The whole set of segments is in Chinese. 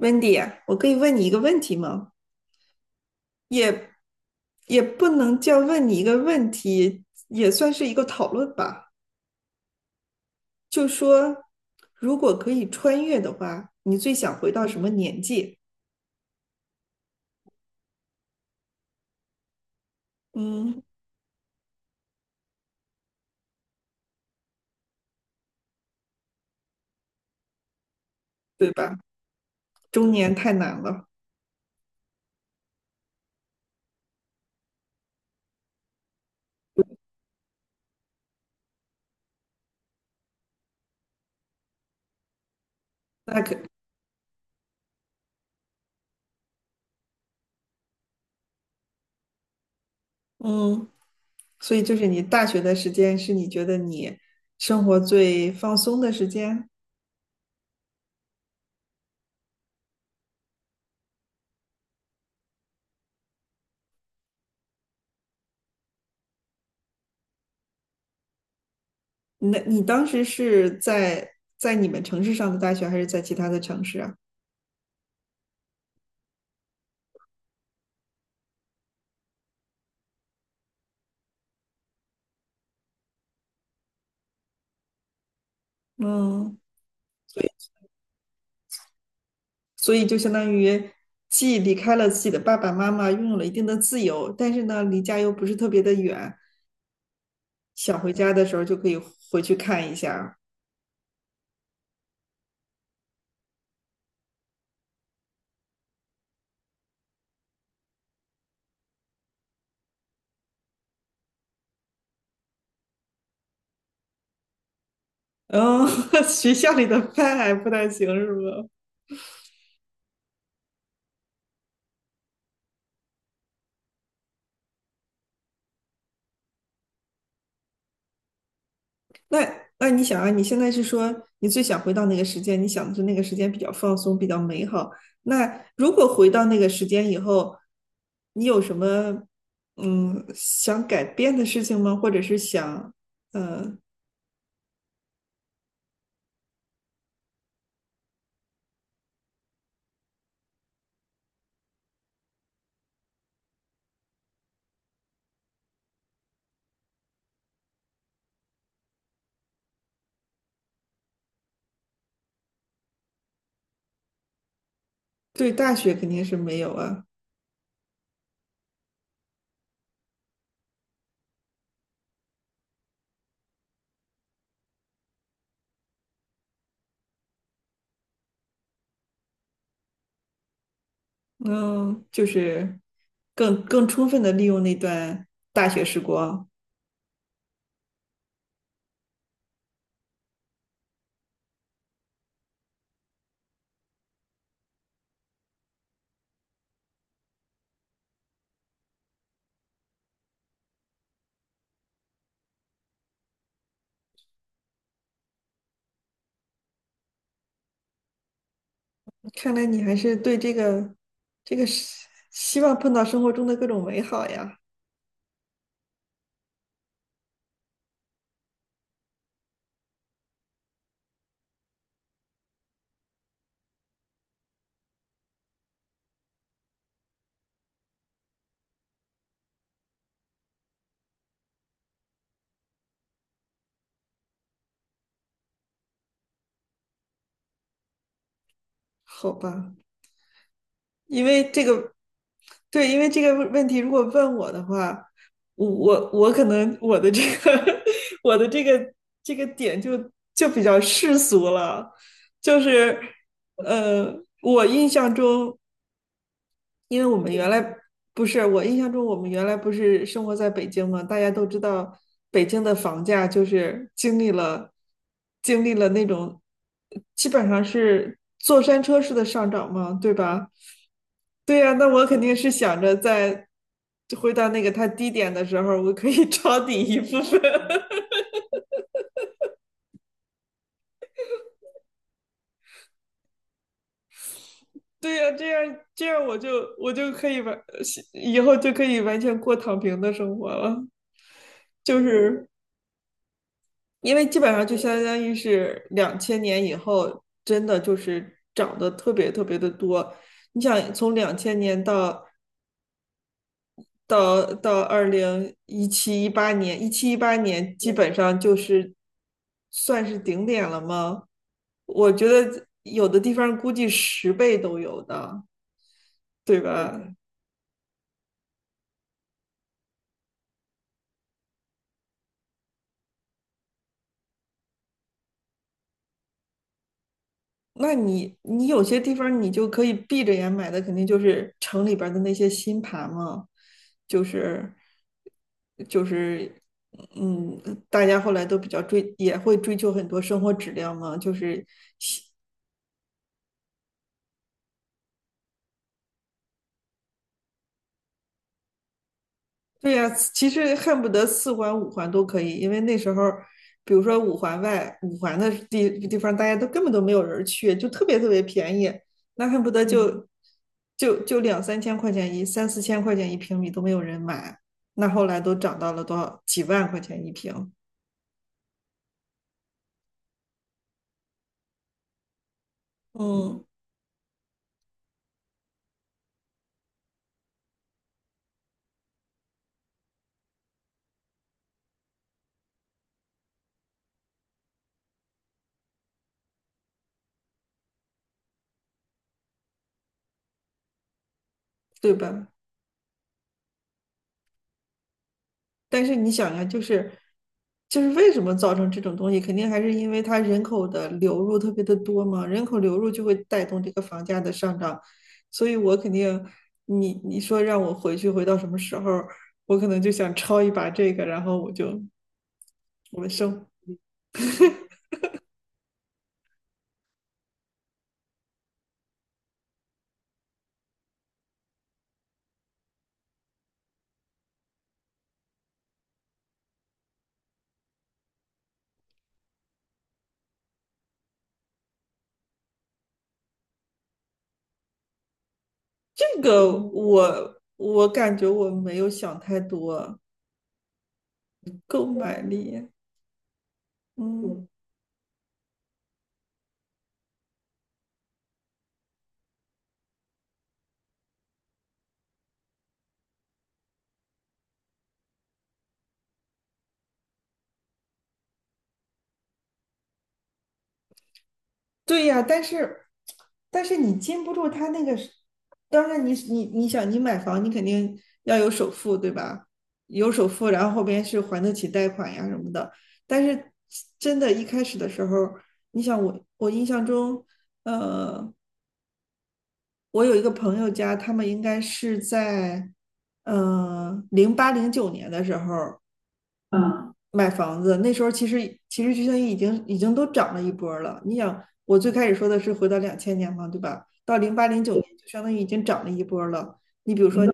Wendy，我可以问你一个问题吗？也也不能叫问你一个问题，也算是一个讨论吧。就说如果可以穿越的话，你最想回到什么年纪？嗯，对吧？中年太难了。那可，嗯，所以就是你大学的时间是你觉得你生活最放松的时间？那你当时是在你们城市上的大学，还是在其他的城市啊？嗯。所以就相当于既离开了自己的爸爸妈妈，拥有了一定的自由，但是呢，离家又不是特别的远，想回家的时候就可以回去看一下。嗯，学校里的饭还不太行，是吧？那你想啊，你现在是说你最想回到那个时间，你想的是那个时间比较放松，比较美好。那如果回到那个时间以后，你有什么想改变的事情吗？或者是想。呃，对大学肯定是没有啊。嗯，就是更充分的利用那段大学时光。看来你还是对这个是希望碰到生活中的各种美好呀。好吧，因为这个，对，因为这个问题，如果问我的话，我可能我的这个 我的这个点就比较世俗了，就是呃，我印象中。因为我们原来不是，我印象中我们原来不是生活在北京嘛，大家都知道北京的房价就是经历了那种基本上是坐山车式的上涨嘛，对吧？对呀，那我肯定是想着回到那个它低点的时候，我可以 抄底一部分。对呀，这样我就可以完，以后就可以完全过躺平的生活了。就是因为基本上就相当于是两千年以后，真的就是涨得特别特别的多。你想从两千年到2017、18年，一七一八年基本上就是算是顶点了吗？我觉得有的地方估计10倍都有的，对吧？那你有些地方你就可以闭着眼买的，肯定就是城里边儿的那些新盘嘛，就是就是嗯，大家后来都比较追，也会追求很多生活质量嘛，对呀，其实恨不得四环五环都可以，因为那时候，比如说五环外、五环的地方，大家都根本都没有人去，就特别特别便宜，那恨不得就两三千块钱一、三四千块钱一平米都没有人买，那后来都涨到了多少几万块钱一平，嗯，对吧？但是你想呀，就是为什么造成这种东西，肯定还是因为它人口的流入特别的多嘛，人口流入就会带动这个房价的上涨，所以我肯定，你说让我回去回到什么时候，我可能就想抄一把这个，然后我就我的生这个我感觉我没有想太多，购买力，嗯。对呀，但是你禁不住他那个是，当然你想你买房，你肯定要有首付，对吧？有首付，然后后边是还得起贷款呀什么的。但是真的，一开始的时候，你想我印象中，呃，我有一个朋友家，他们应该是在零八零九年的时候，买房子，那时候其实就于已经都涨了一波儿了。你想，我最开始说的是回到两千年嘛，对吧？到零八零九年就相当于已经涨了一波儿了。你比如说，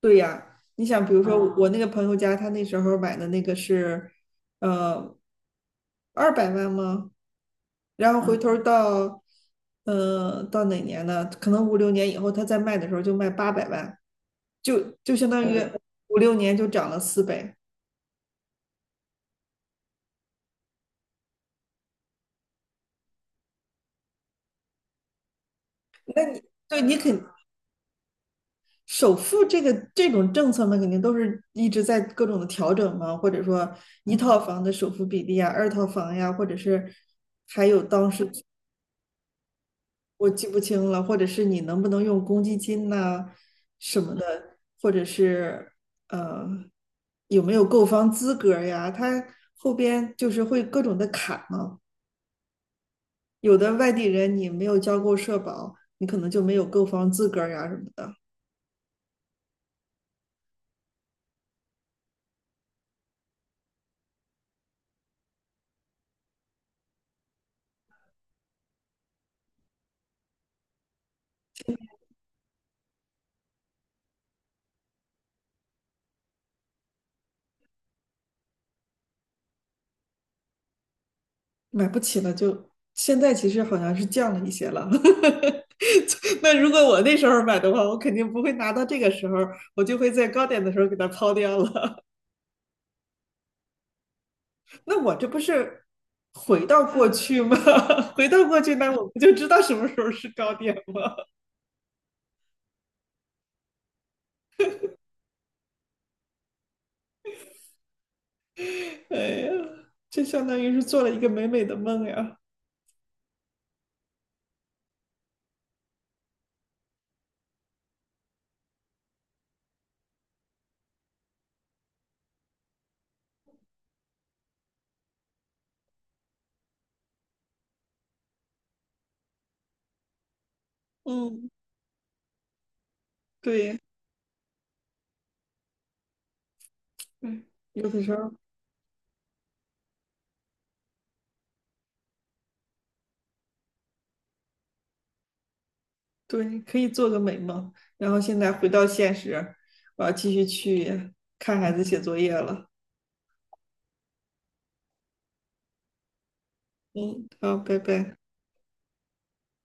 对呀，你想，比如说啊我那个朋友家，他那时候买的那个是，呃，200万吗？然后回头儿到，到哪年呢？可能五六年以后，他再卖的时候就卖800万，就相当于五六年就涨了4倍。对。首付这个这种政策嘛，肯定都是一直在各种的调整嘛，或者说一套房的首付比例啊，二套房呀，或者是还有当时我记不清了，或者是你能不能用公积金呐、什么的，或者是呃有没有购房资格呀，他后边就是会各种的卡嘛，有的外地人你没有交够社保，你可能就没有购房资格呀什么的。买不起了就，现在其实好像是降了一些了。那如果我那时候买的话，我肯定不会拿到这个时候，我就会在高点的时候给它抛掉了。那我这不是回到过去吗？回到过去，那我不就知道什么时候是高点吗？哎呀，这相当于是做了一个美美的梦呀。嗯，对，对，有的时候对，可以做个美梦，然后现在回到现实，我要继续去看孩子写作业了。嗯，好，拜拜。